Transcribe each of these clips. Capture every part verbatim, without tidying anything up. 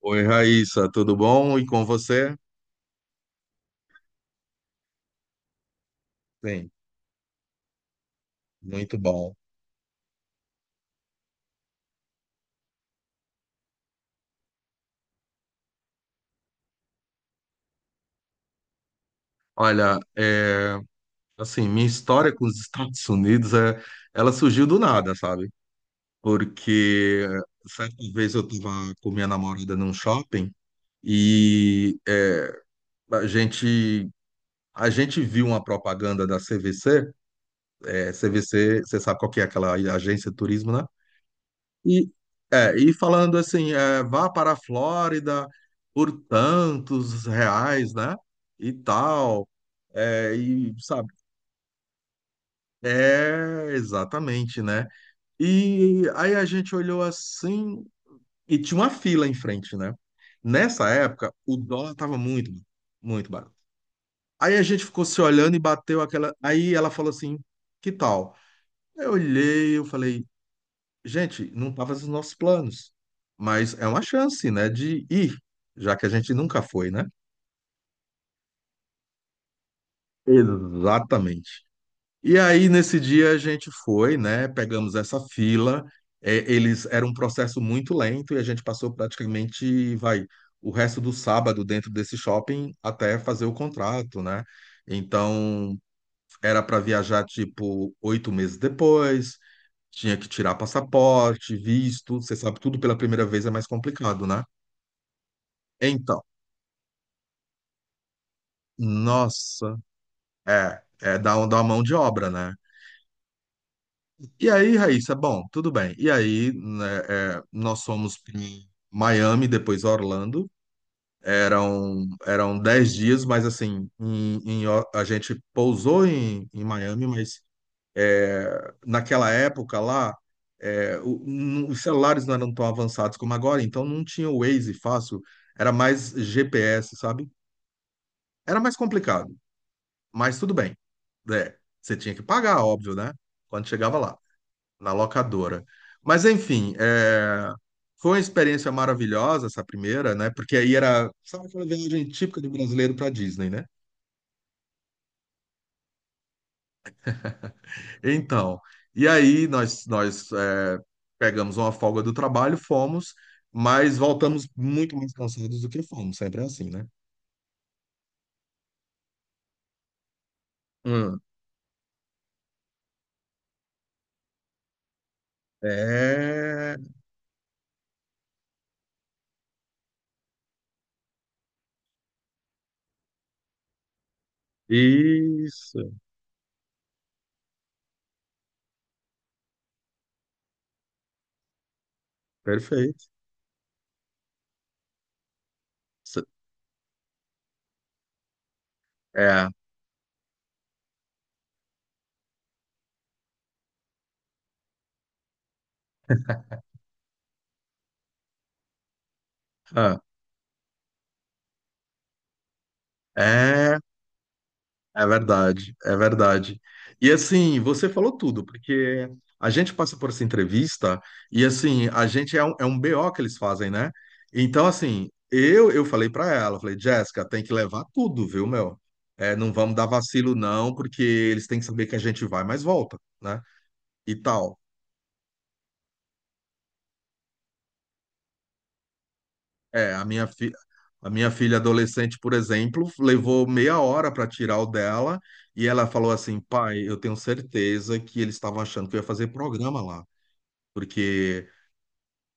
Oi, Raíssa, tudo bom? E com você? Sim, muito bom. Olha, é, assim, minha história com os Estados Unidos, é, ela surgiu do nada, sabe? Porque certa vez eu estava com minha namorada num shopping e é, a gente, a gente viu uma propaganda da C V C. É, C V C, você sabe qual que é aquela agência de turismo, né? E, é, e falando assim, é, vá para a Flórida por tantos reais, né? E tal. É, e, sabe? É, exatamente, né? E aí a gente olhou assim e tinha uma fila em frente, né? Nessa época, o dólar estava muito, muito barato. Aí a gente ficou se olhando e bateu aquela. Aí ela falou assim: que tal? Eu olhei, eu falei. gente, não estava nos nossos planos, mas é uma chance, né, de ir, já que a gente nunca foi, né? Exatamente. E aí, nesse dia, a gente foi, né? Pegamos essa fila. é, eles era um processo muito lento e a gente passou praticamente, vai, o resto do sábado dentro desse shopping até fazer o contrato, né? Então, era para viajar tipo oito meses depois, tinha que tirar passaporte, visto. Você sabe, tudo pela primeira vez é mais complicado, né? Então, nossa, é, é dá, um- uma mão de obra, né? E aí, Raíssa, bom, tudo bem. E aí, né, é, nós fomos em Miami, depois Orlando. Eram, eram dez dias, mas assim, em- em O- a gente pousou em, em Miami, mas naquela época lá, é, o- n- os celulares não eram tão avançados como agora, então não tinha o Waze fácil, era mais G P S, sabe? Era mais complicado. Mas tudo bem. É, você tinha que pagar, óbvio, né? Quando chegava lá, na locadora. Mas, enfim, é, foi uma experiência maravilhosa essa primeira, né? Porque aí era, sabe aquela viagem típica do brasileiro para Disney, né? Então, e aí nós, nós é, pegamos uma folga do trabalho, fomos, mas voltamos muito mais cansados do que fomos, sempre é assim, né? Hum, é, isso, perfeito. É, ah, é, É verdade, é verdade. E assim, você falou tudo, porque a gente passa por essa entrevista e assim, a gente é um, é um B O que eles fazem, né? Então, assim, eu eu falei pra ela, falei, Jéssica, tem que levar tudo, viu, meu? É, não vamos dar vacilo, não, porque eles têm que saber que a gente vai, mas volta, né? E tal. É, a minha, fi a minha filha adolescente, por exemplo, levou meia hora para tirar o dela e ela falou assim, pai, eu tenho certeza que eles estavam achando que eu ia fazer programa lá. Porque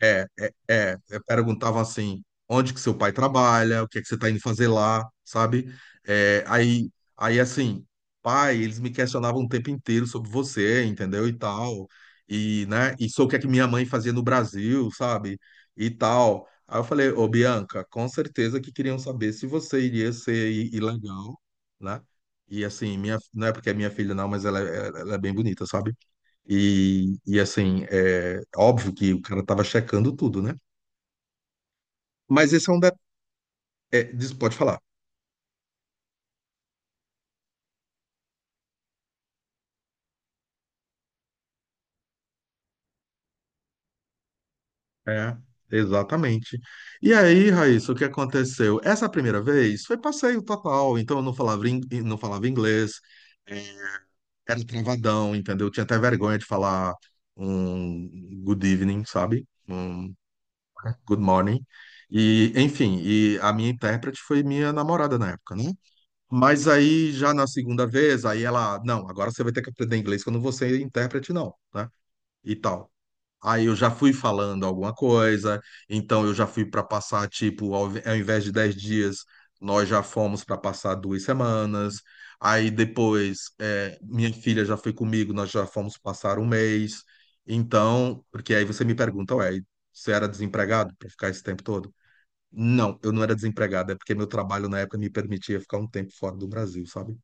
é, é, é, é, perguntavam assim, onde que seu pai trabalha, o que é que você tá indo fazer lá, sabe? É, aí, aí assim, pai, eles me questionavam o tempo inteiro sobre você, entendeu? E tal. E, né, e sobre o que é que minha mãe fazia no Brasil, sabe? E tal. Aí eu falei, ô Bianca, com certeza que queriam saber se você iria ser i- ilegal, né? E assim, minha, não é porque é minha filha, não, mas ela, é- ela é bem bonita, sabe? E, e assim, é óbvio que o cara tava checando tudo, né? Mas esse é um de... é, diz- pode falar. É, exatamente. E aí, Raíssa, o que aconteceu? Essa primeira vez foi passeio total, então eu não falava, in- não falava inglês, é, era travadão, entendeu? Eu tinha até vergonha de falar um good evening, sabe? Um good morning. E, enfim, e a minha intérprete foi minha namorada na época, né? Mas aí, já na segunda vez, aí ela, não, agora você vai ter que aprender inglês, que eu não vou ser intérprete, não, né? E tal. Aí eu já fui falando alguma coisa, então eu já fui para passar, tipo, ao, ao invés de dez dias, nós já fomos para passar duas semanas. Aí depois, é, minha filha já foi comigo, nós já fomos passar um mês. Então, porque aí você me pergunta, ué, você era desempregado para ficar esse tempo todo? Não, eu não era desempregado, é porque meu trabalho na época me permitia ficar um tempo fora do Brasil, sabe?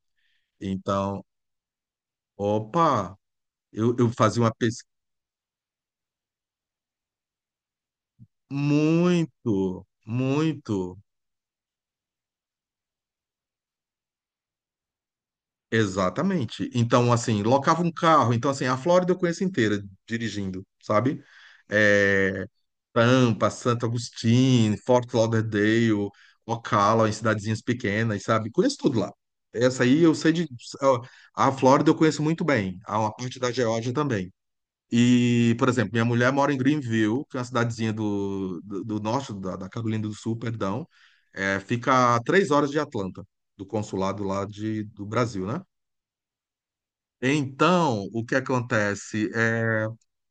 Então, opa, eu, eu fazia uma pesquisa muito, muito, exatamente. Então, assim, locava um carro. Então, assim, a Flórida eu conheço inteira dirigindo, sabe? É, Tampa, Santo Agostinho, Fort Lauderdale, Ocala, em cidadezinhas pequenas, sabe? Conheço tudo lá. Essa aí eu sei de. A Flórida eu conheço muito bem, a uma parte da Geórgia também. E, por exemplo, minha mulher mora em Greenville, que é uma cidadezinha do, do, do norte, da, da Carolina do Sul, perdão. É, fica a três horas de Atlanta, do consulado lá de, do Brasil, né? Então, o que acontece? É,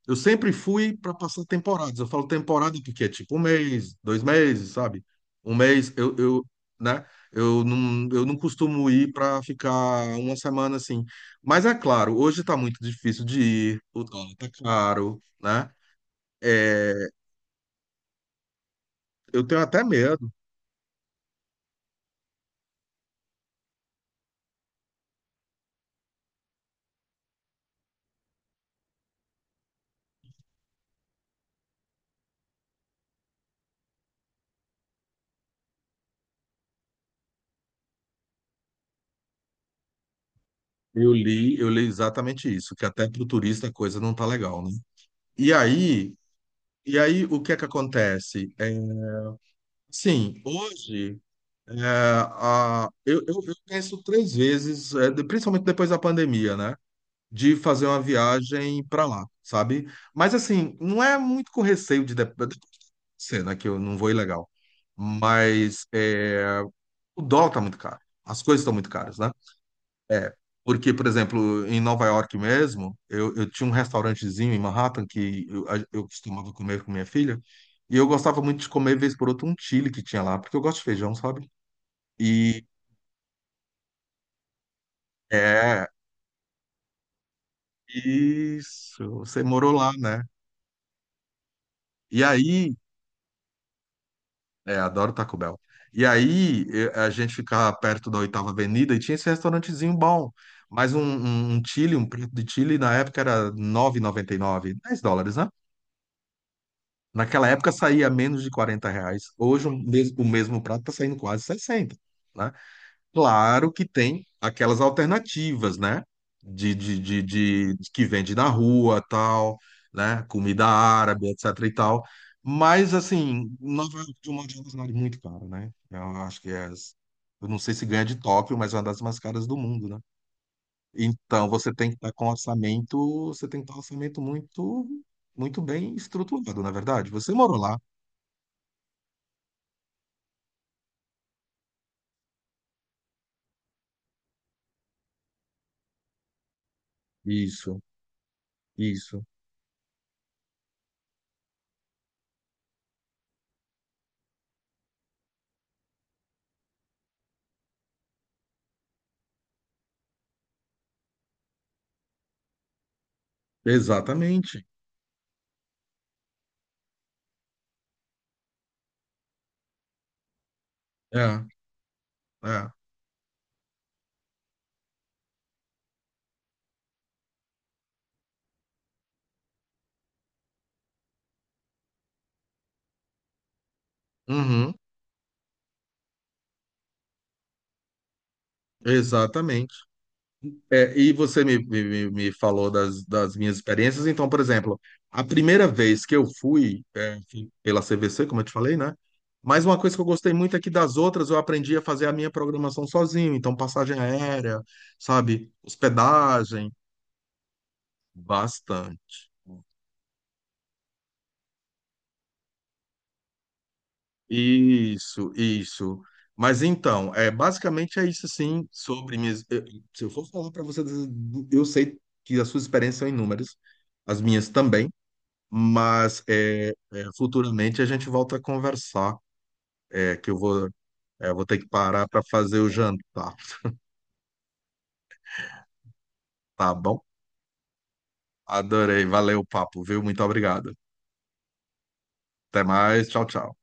eu sempre fui para passar temporadas. Eu falo temporada porque é tipo um mês, dois meses, sabe? Um mês, eu, eu, né? Eu não, eu não costumo ir para ficar uma semana assim. Mas é claro, hoje está muito difícil de ir, o dólar está caro, né? É, eu tenho até medo. Eu li, eu li exatamente isso, que até para o turista a coisa não tá legal, né? E aí, e aí o que é que acontece? É, sim, hoje é, a- eu, eu, eu penso três vezes, é, de- principalmente depois da pandemia, né? De fazer uma viagem para lá, sabe? Mas assim, não é muito com receio de, de, de cena que eu não vou ilegal. Mas é, o dólar tá muito caro, as coisas estão muito caras, né? Porque, por exemplo, em Nova York mesmo, eu, eu tinha um restaurantezinho em Manhattan que eu, a- eu costumava comer com minha filha, e eu gostava muito de comer, vez por outra, um chili que tinha lá, porque eu gosto de feijão, sabe? E é, isso, Você morou lá, né? E aí, é, adoro Taco Bell. E aí, eu- a gente ficava perto da Oitava Avenida e tinha esse restaurantezinho bom, mas um, um, um chili, um prato de chili na época era nove e noventa e nove, dez dólares, né? Naquela época saía menos de quarenta reais. Hoje o mes- o mesmo prato está saindo quase sessenta, né? Claro que tem aquelas alternativas, né? De, de, de, de- de que vende na rua, tal, né? Comida árabe, etc e tal. Mas, assim, Nova York, de um modo geral, é muito caro, né? Eu acho que é... Eu não sei se ganha de Tóquio, mas é uma das mais caras do mundo, né? Então, você tem que estar com orçamento, você tem que estar com orçamento muito, muito bem estruturado, na verdade. Você morou lá, Isso, isso. Exatamente. É, é. Uhum, exatamente. É, e você me, me, me falou das, das minhas experiências. Então, por exemplo, a primeira vez que eu fui é, fui pela C V C, como eu te falei, né? Mas uma coisa que eu gostei muito é que das outras eu aprendi a fazer a minha programação sozinho. Então, passagem aérea, sabe? Hospedagem, bastante. Isso, isso. Mas então, é basicamente é isso assim sobre minhas. eu- Se eu for falar para você, eu sei que as suas experiências são inúmeras, as minhas também. Mas é, é, futuramente a gente volta a conversar, é, que eu vou, é, vou ter que parar para fazer o jantar, tá bom? Adorei, valeu o papo, viu? Muito obrigado. Até mais, tchau, tchau.